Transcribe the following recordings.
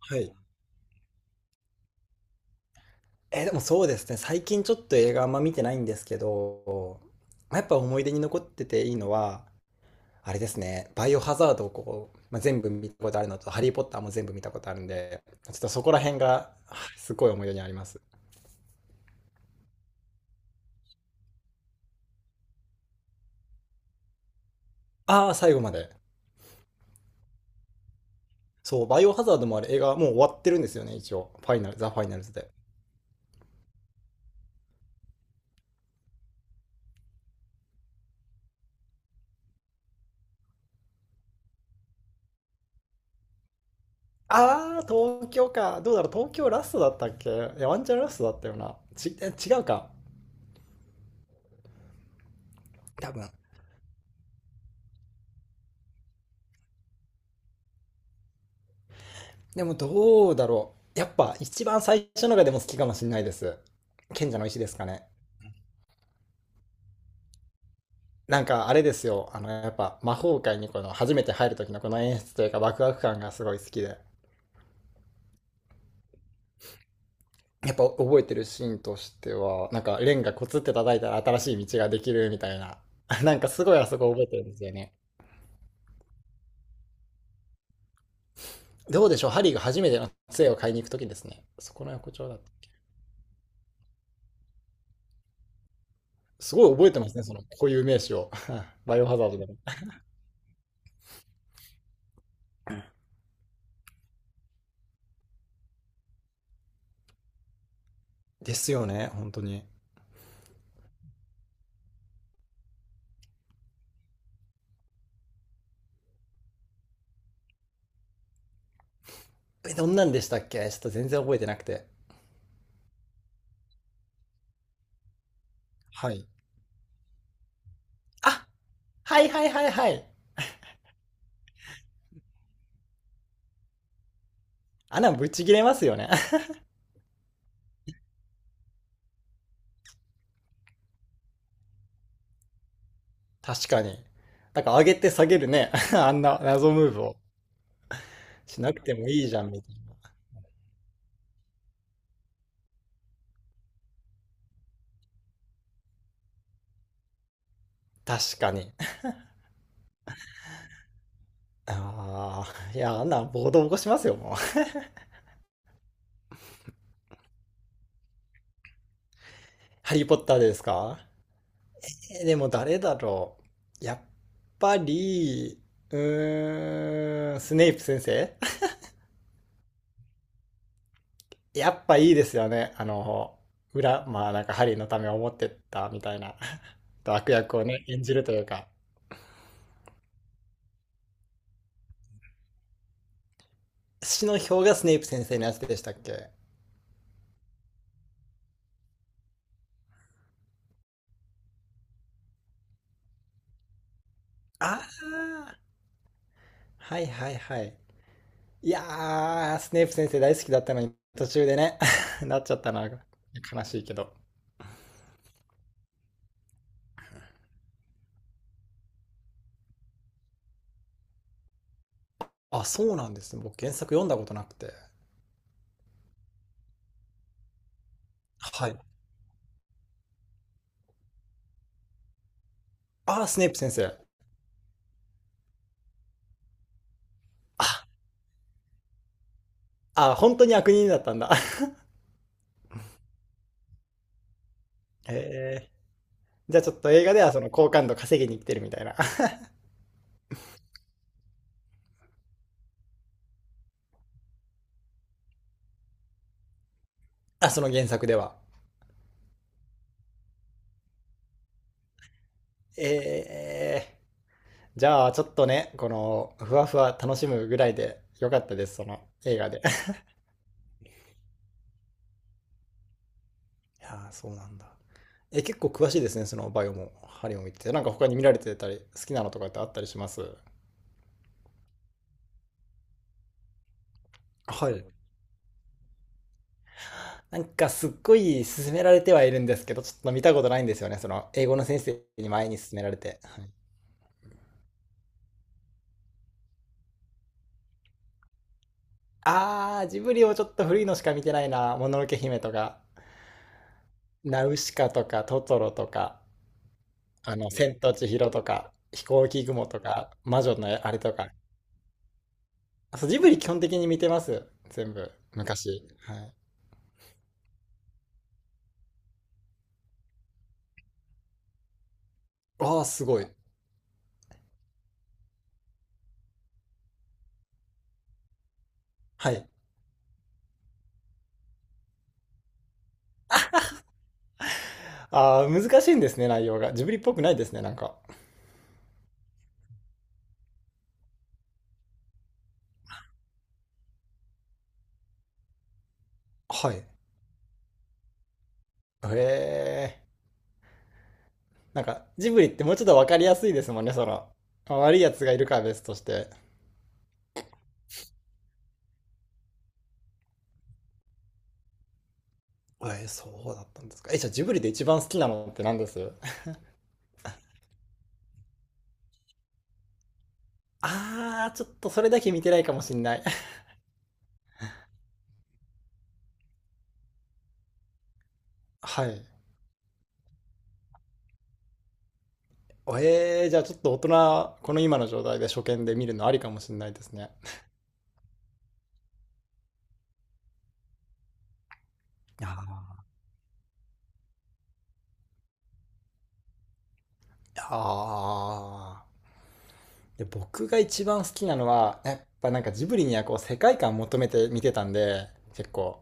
はい。でもそうですね。最近ちょっと映画あんま見てないんですけど、まあやっぱ思い出に残ってていいのは、あれですね。バイオハザードをこう、まあ、全部見たことあるのと、ハリー・ポッターも全部見たことあるんで、ちょっとそこら辺があすごい思い出にあります。ああ、最後まで。そう、バイオハザードもあれ映画もう終わってるんですよね、一応。ファイナル、ザ・ファイナルズで。ああ、東京か。どうだろう、東京ラストだったっけ、いや、ワンチャンラストだったよな。違うか。多分。でもどうだろう。やっぱ一番最初のがでも好きかもしれないです。賢者の石ですかね。なんかあれですよ。あの、やっぱ魔法界にこの初めて入る時のこの演出というかワクワク感がすごい好きで。やっぱ覚えてるシーンとしては、なんかレンガコツって叩いたら新しい道ができるみたいな。なんかすごいあそこ覚えてるんですよね。どうでしょう、ハリーが初めての杖を買いに行く時ですね。そこの横丁だった。すごい覚えてますね。その固有名詞を。バイオハザードでも。ですよね。本当に。えどんなんでしたっけ、ちょっと全然覚えてなくて。はい。あ、はいはいはいはい。あんなんぶち切れますよね。確かに。だから上げて下げるね。あんな謎ムーブをしなくてもいいじゃん、みたいな。確かに。ああ、いや、あんなん暴動起こしますよ、もう。ハリーポッターですか？でも誰だろう。やっぱり、うーん、スネイプ先生、やっぱいいですよね。あの、裏、まあなんかハリーのためを思ってったみたいな。 悪役をね、演じるというか。死の票がスネイプ先生のやつでしたっけ？ああー、はいはいはい。いやー、スネイプ先生大好きだったのに途中でね。 なっちゃったな、悲しいけど。あ、そうなんですね。僕原作読んだことなくて。はい。ああ、スネイプ先生。あ、あ、本当に悪人だったんだ。えー、じゃあちょっと映画ではその好感度稼ぎに来てるみたいな。あ、その原作では。ええ、じゃあちょっとね、このふわふわ楽しむぐらいでよかったです、その映画で。いやー、そうなんだ。え、結構詳しいですね、そのバイオもハリオも言ってて。なんか他に見られてたり、好きなのとかってあったりします？はい。なんかすっごい勧められてはいるんですけど、ちょっと見たことないんですよね、その英語の先生に前に勧められて。はい、あー、ジブリをちょっと古いのしか見てないな。もののけ姫とか、ナウシカとか、トトロとか。あの、千と千尋とか、飛行機雲とか、魔女のあれとか。あ、そう、ジブリ基本的に見てます。全部、昔。はい。ああ、すごい。はい。ああ、難しいんですね、内容が。ジブリっぽくないですね、なんか。はい。へえ。なんか、ジブリってもうちょっとわかりやすいですもんね、その。まあ悪いやつがいるから別として。えー、そうだったんですか。え、じゃあジブリで一番好きなのって何です？あー、ちょっとそれだけ見てないかもしんない。はい。えー、じゃあちょっと大人、この今の状態で初見で見るのありかもしれないですね。あ、いやーで僕が一番好きなのは、やっぱなんかジブリにはこう世界観求めて見てたんで、結構、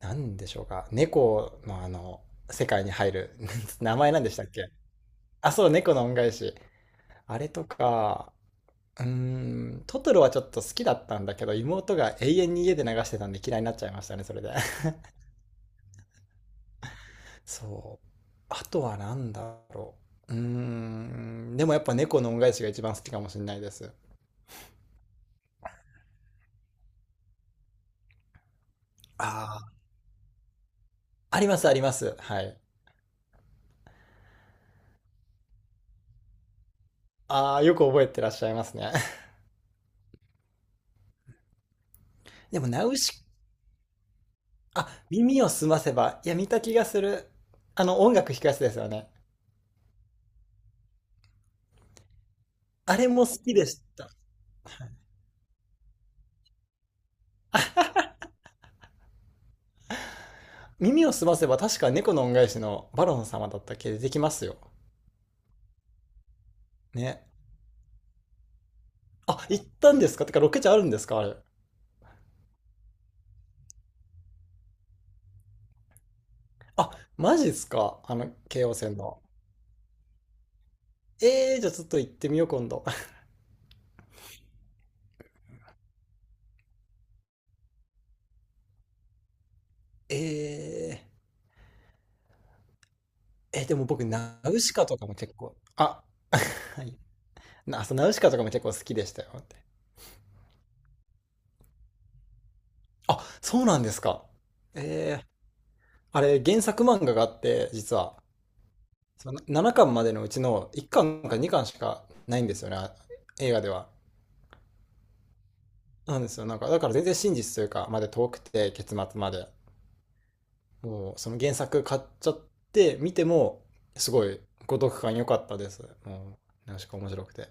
なんでしょうか、猫のあの、世界に入る、名前なんでしたっけ？あ、そう、猫の恩返し。あれとか、うーん、トトロはちょっと好きだったんだけど、妹が永遠に家で流してたんで嫌いになっちゃいましたね、それで。そう。あとは何だろう。うーん。でもやっぱ猫の恩返しが一番好きかもしれないです。ああ。ありますあります。はい。ああ、よく覚えてらっしゃいますね。でもナウシ、あ、耳をすませば。いや、見た気がする。あの、音楽弾くやつですよね。あれも好きでした。耳をすませば確か猫の恩返しのバロン様だったっけ、出てきますよ。ね。あ、行ったんですか？てかロケ地あるんですかあれ？あ、マジっすか、あの、京王線の。ええー、じゃあちょっと行ってみよう今度。えー、え、でも僕、ナウシカとかも結構、あ、はい。な、そう、ナウシカとかも結構好きでしたよ。あ、そうなんですか。えー、あれ、原作漫画があって、実は、その7巻までのうちの1巻か2巻しかないんですよね、あ映画では。なんですよ。なんか、だから全然真実というか、まで遠くて、結末まで。もう、その原作買っちゃって、見ても、すごい、ご読感良かったです。もう、ナウシカ面白くて。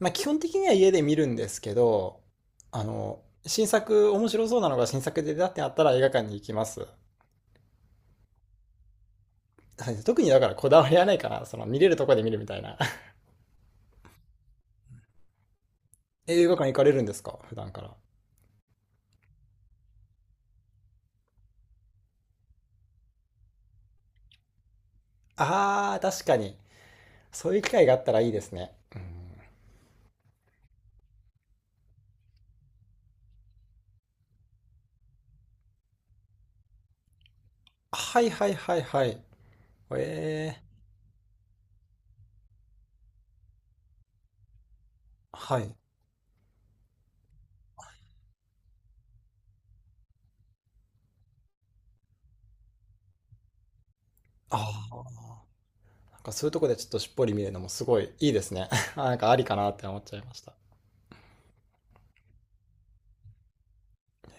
まあ、基本的には家で見るんですけど、あの、新作、面白そうなのが新作で出たってなったら映画館に行きます。はい、特にだからこだわりはないかな。その見れるとこで見るみたいな。映画館行かれるんですか普段から？あー、確かに。そういう機会があったらいいですね。うん。はいはいはいはい。えー、はい。あー、なんかそういうとこでちょっとしっぽり見るのもすごいいいですね。あなんかありかなって思っちゃいました。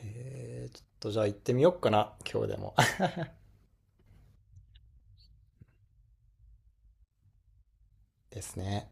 えー、ちょっとじゃあ行ってみよっかな。今日でも。ですね。